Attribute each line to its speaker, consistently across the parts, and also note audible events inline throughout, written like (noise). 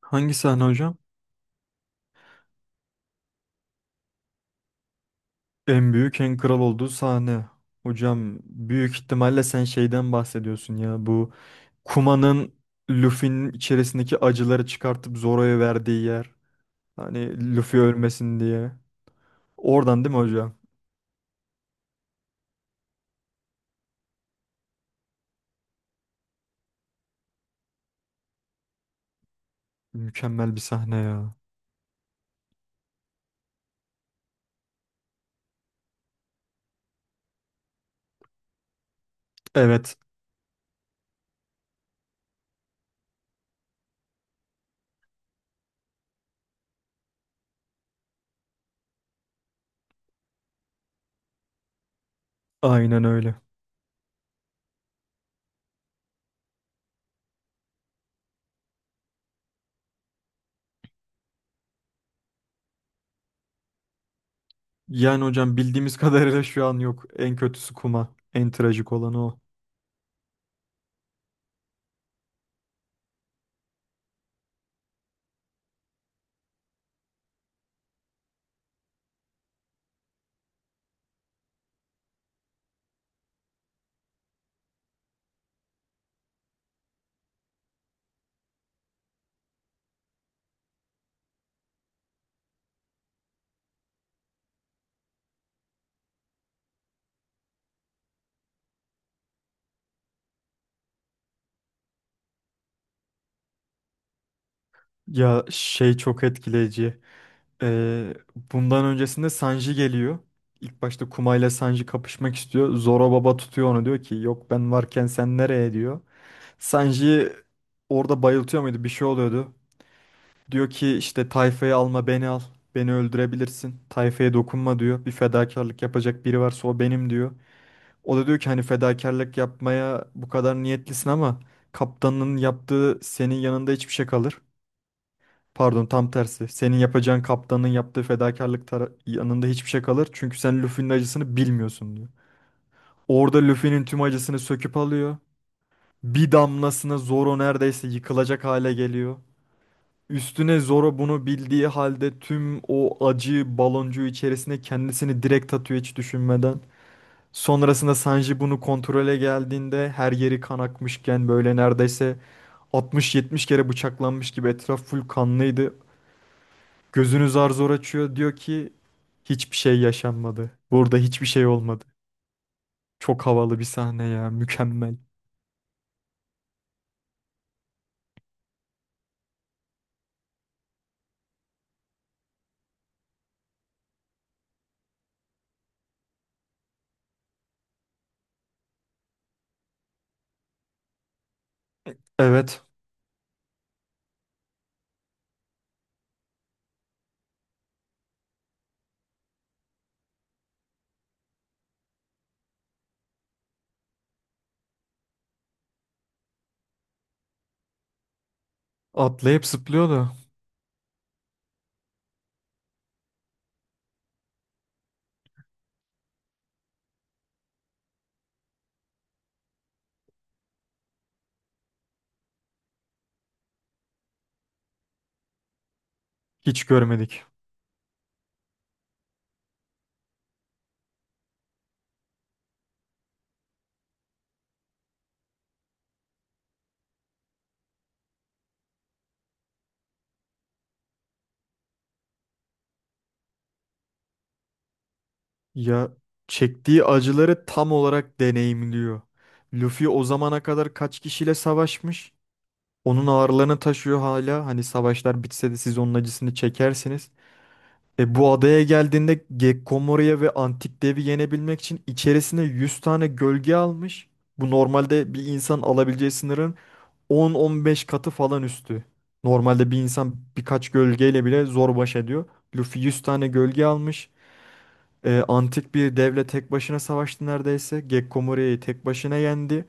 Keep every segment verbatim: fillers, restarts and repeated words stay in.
Speaker 1: Hangi sahne hocam? En büyük en kral olduğu sahne. Hocam büyük ihtimalle sen şeyden bahsediyorsun ya. Bu Kuma'nın Luffy'nin içerisindeki acıları çıkartıp Zoro'ya verdiği yer. Hani Luffy ölmesin diye. Oradan değil mi hocam? Mükemmel bir sahne ya. Evet, aynen öyle. Yani hocam bildiğimiz (laughs) kadarıyla şu an yok. En kötüsü Kuma. En trajik olanı o. Ya şey çok etkileyici. Ee, Bundan öncesinde Sanji geliyor. İlk başta Kuma ile Sanji kapışmak istiyor. Zoro Baba tutuyor onu diyor ki yok ben varken sen nereye diyor. Sanji orada bayıltıyor muydu bir şey oluyordu. Diyor ki işte tayfayı alma beni al. Beni öldürebilirsin. Tayfaya dokunma diyor. Bir fedakarlık yapacak biri varsa o benim diyor. O da diyor ki hani fedakarlık yapmaya bu kadar niyetlisin ama kaptanın yaptığı senin yanında hiçbir şey kalır. Pardon tam tersi. Senin yapacağın kaptanın yaptığı fedakarlık tara- yanında hiçbir şey kalır. Çünkü sen Luffy'nin acısını bilmiyorsun diyor. Orada Luffy'nin tüm acısını söküp alıyor. Bir damlasına Zoro neredeyse yıkılacak hale geliyor. Üstüne Zoro bunu bildiği halde tüm o acı baloncuğu içerisine kendisini direkt atıyor hiç düşünmeden. Sonrasında Sanji bunu kontrole geldiğinde her yeri kan akmışken böyle neredeyse altmış yetmiş kere bıçaklanmış gibi etraf full kanlıydı. Gözünü zar zor açıyor diyor ki hiçbir şey yaşanmadı. Burada hiçbir şey olmadı. Çok havalı bir sahne ya, mükemmel. Evet, atlayıp zıplıyordu. Hiç görmedik. Ya çektiği acıları tam olarak deneyimliyor. Luffy o zamana kadar kaç kişiyle savaşmış? Onun ağırlığını taşıyor hala. Hani savaşlar bitse de siz onun acısını çekersiniz. E bu adaya geldiğinde Gekkomoru'ya ve Antik Dev'i yenebilmek için içerisine yüz tane gölge almış. Bu normalde bir insan alabileceği sınırın on on beş katı falan üstü. Normalde bir insan birkaç gölgeyle bile zor baş ediyor. Luffy yüz tane gölge almış. Ee, antik bir devle tek başına savaştı neredeyse. Gekko Morira'yı tek başına yendi.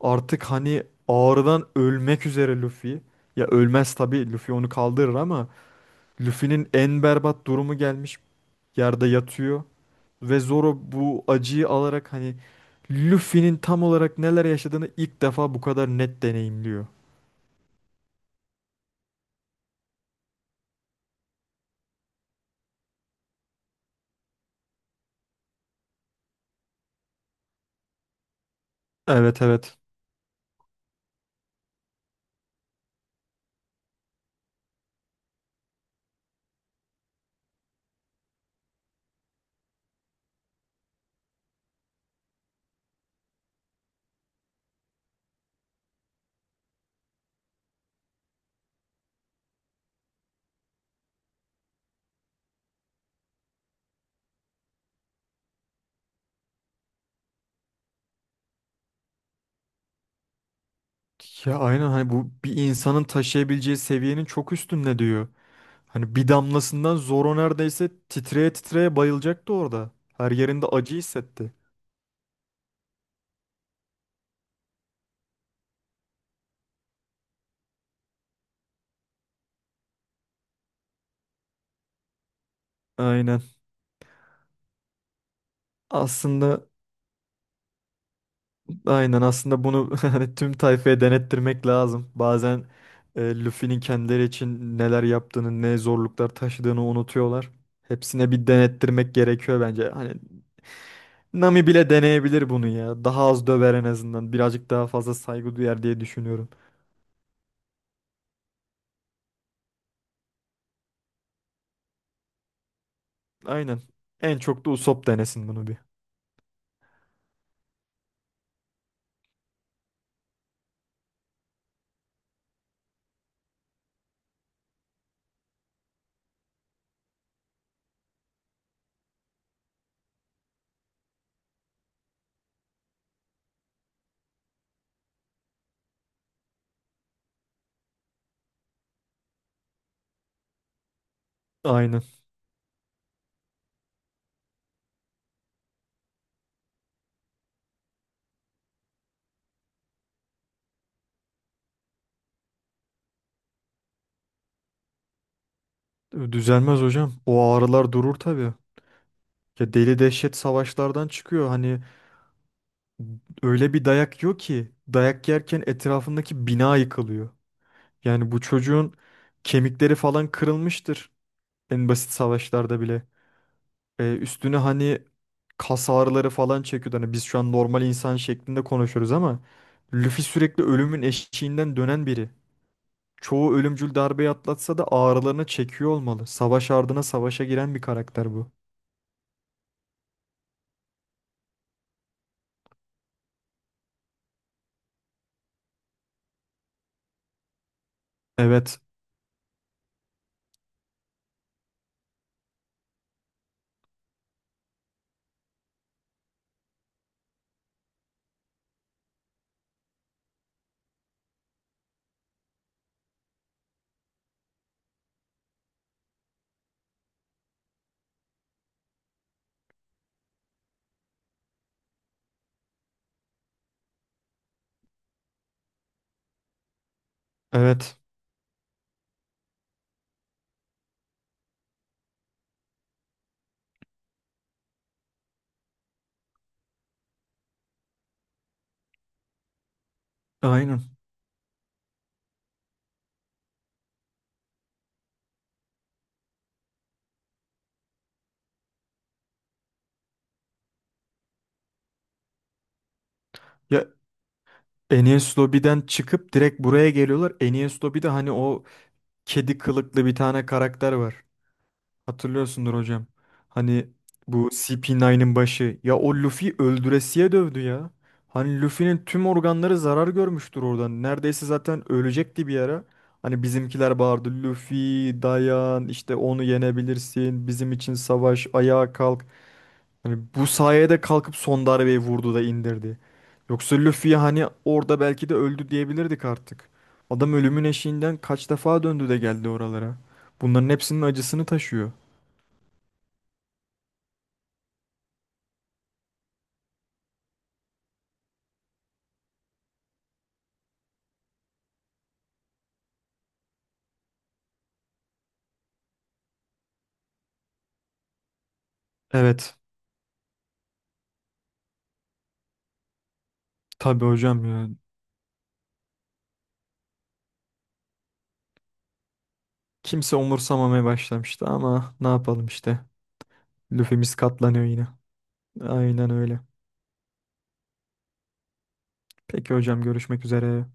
Speaker 1: Artık hani ağrıdan ölmek üzere Luffy. Ya ölmez tabii Luffy onu kaldırır ama Luffy'nin en berbat durumu gelmiş. Yerde yatıyor ve Zoro bu acıyı alarak hani Luffy'nin tam olarak neler yaşadığını ilk defa bu kadar net deneyimliyor. Evet, evet. Ya aynen hani bu bir insanın taşıyabileceği seviyenin çok üstünde diyor. Hani bir damlasından Zoro neredeyse titreye titreye bayılacaktı orada. Her yerinde acı hissetti. Aynen. Aslında aynen aslında bunu (laughs) hani tüm tayfaya denettirmek lazım. Bazen e, Luffy'nin kendileri için neler yaptığını, ne zorluklar taşıdığını unutuyorlar. Hepsine bir denettirmek gerekiyor bence. Hani Nami bile deneyebilir bunu ya. Daha az döver en azından. Birazcık daha fazla saygı duyar diye düşünüyorum. Aynen. En çok da Usopp denesin bunu bir. Aynen. Düzelmez hocam. O ağrılar durur tabii. Ya deli dehşet savaşlardan çıkıyor. Hani öyle bir dayak yiyor ki dayak yerken etrafındaki bina yıkılıyor. Yani bu çocuğun kemikleri falan kırılmıştır. En basit savaşlarda bile. Ee, üstüne hani kas ağrıları falan çekiyordu. Hani biz şu an normal insan şeklinde konuşuyoruz ama Luffy sürekli ölümün eşiğinden dönen biri. Çoğu ölümcül darbeyi atlatsa da ağrılarını çekiyor olmalı. Savaş ardına savaşa giren bir karakter bu. Evet, evet. Aynen. Ya Enies Lobby'den çıkıp direkt buraya geliyorlar. Enies Lobby'de hani o kedi kılıklı bir tane karakter var. Hatırlıyorsundur hocam. Hani bu C P dokuzun başı. Ya o Luffy öldüresiye dövdü ya. Hani Luffy'nin tüm organları zarar görmüştür oradan. Neredeyse zaten ölecekti bir ara. Hani bizimkiler bağırdı. Luffy dayan işte onu yenebilirsin. Bizim için savaş ayağa kalk. Hani bu sayede kalkıp son darbeyi vurdu da indirdi. Yoksa Luffy hani orada belki de öldü diyebilirdik artık. Adam ölümün eşiğinden kaç defa döndü de geldi oralara. Bunların hepsinin acısını taşıyor. Evet, tabii hocam ya. Kimse umursamamaya başlamıştı ama ne yapalım işte. Lüfimiz katlanıyor yine. Aynen öyle. Peki hocam görüşmek üzere.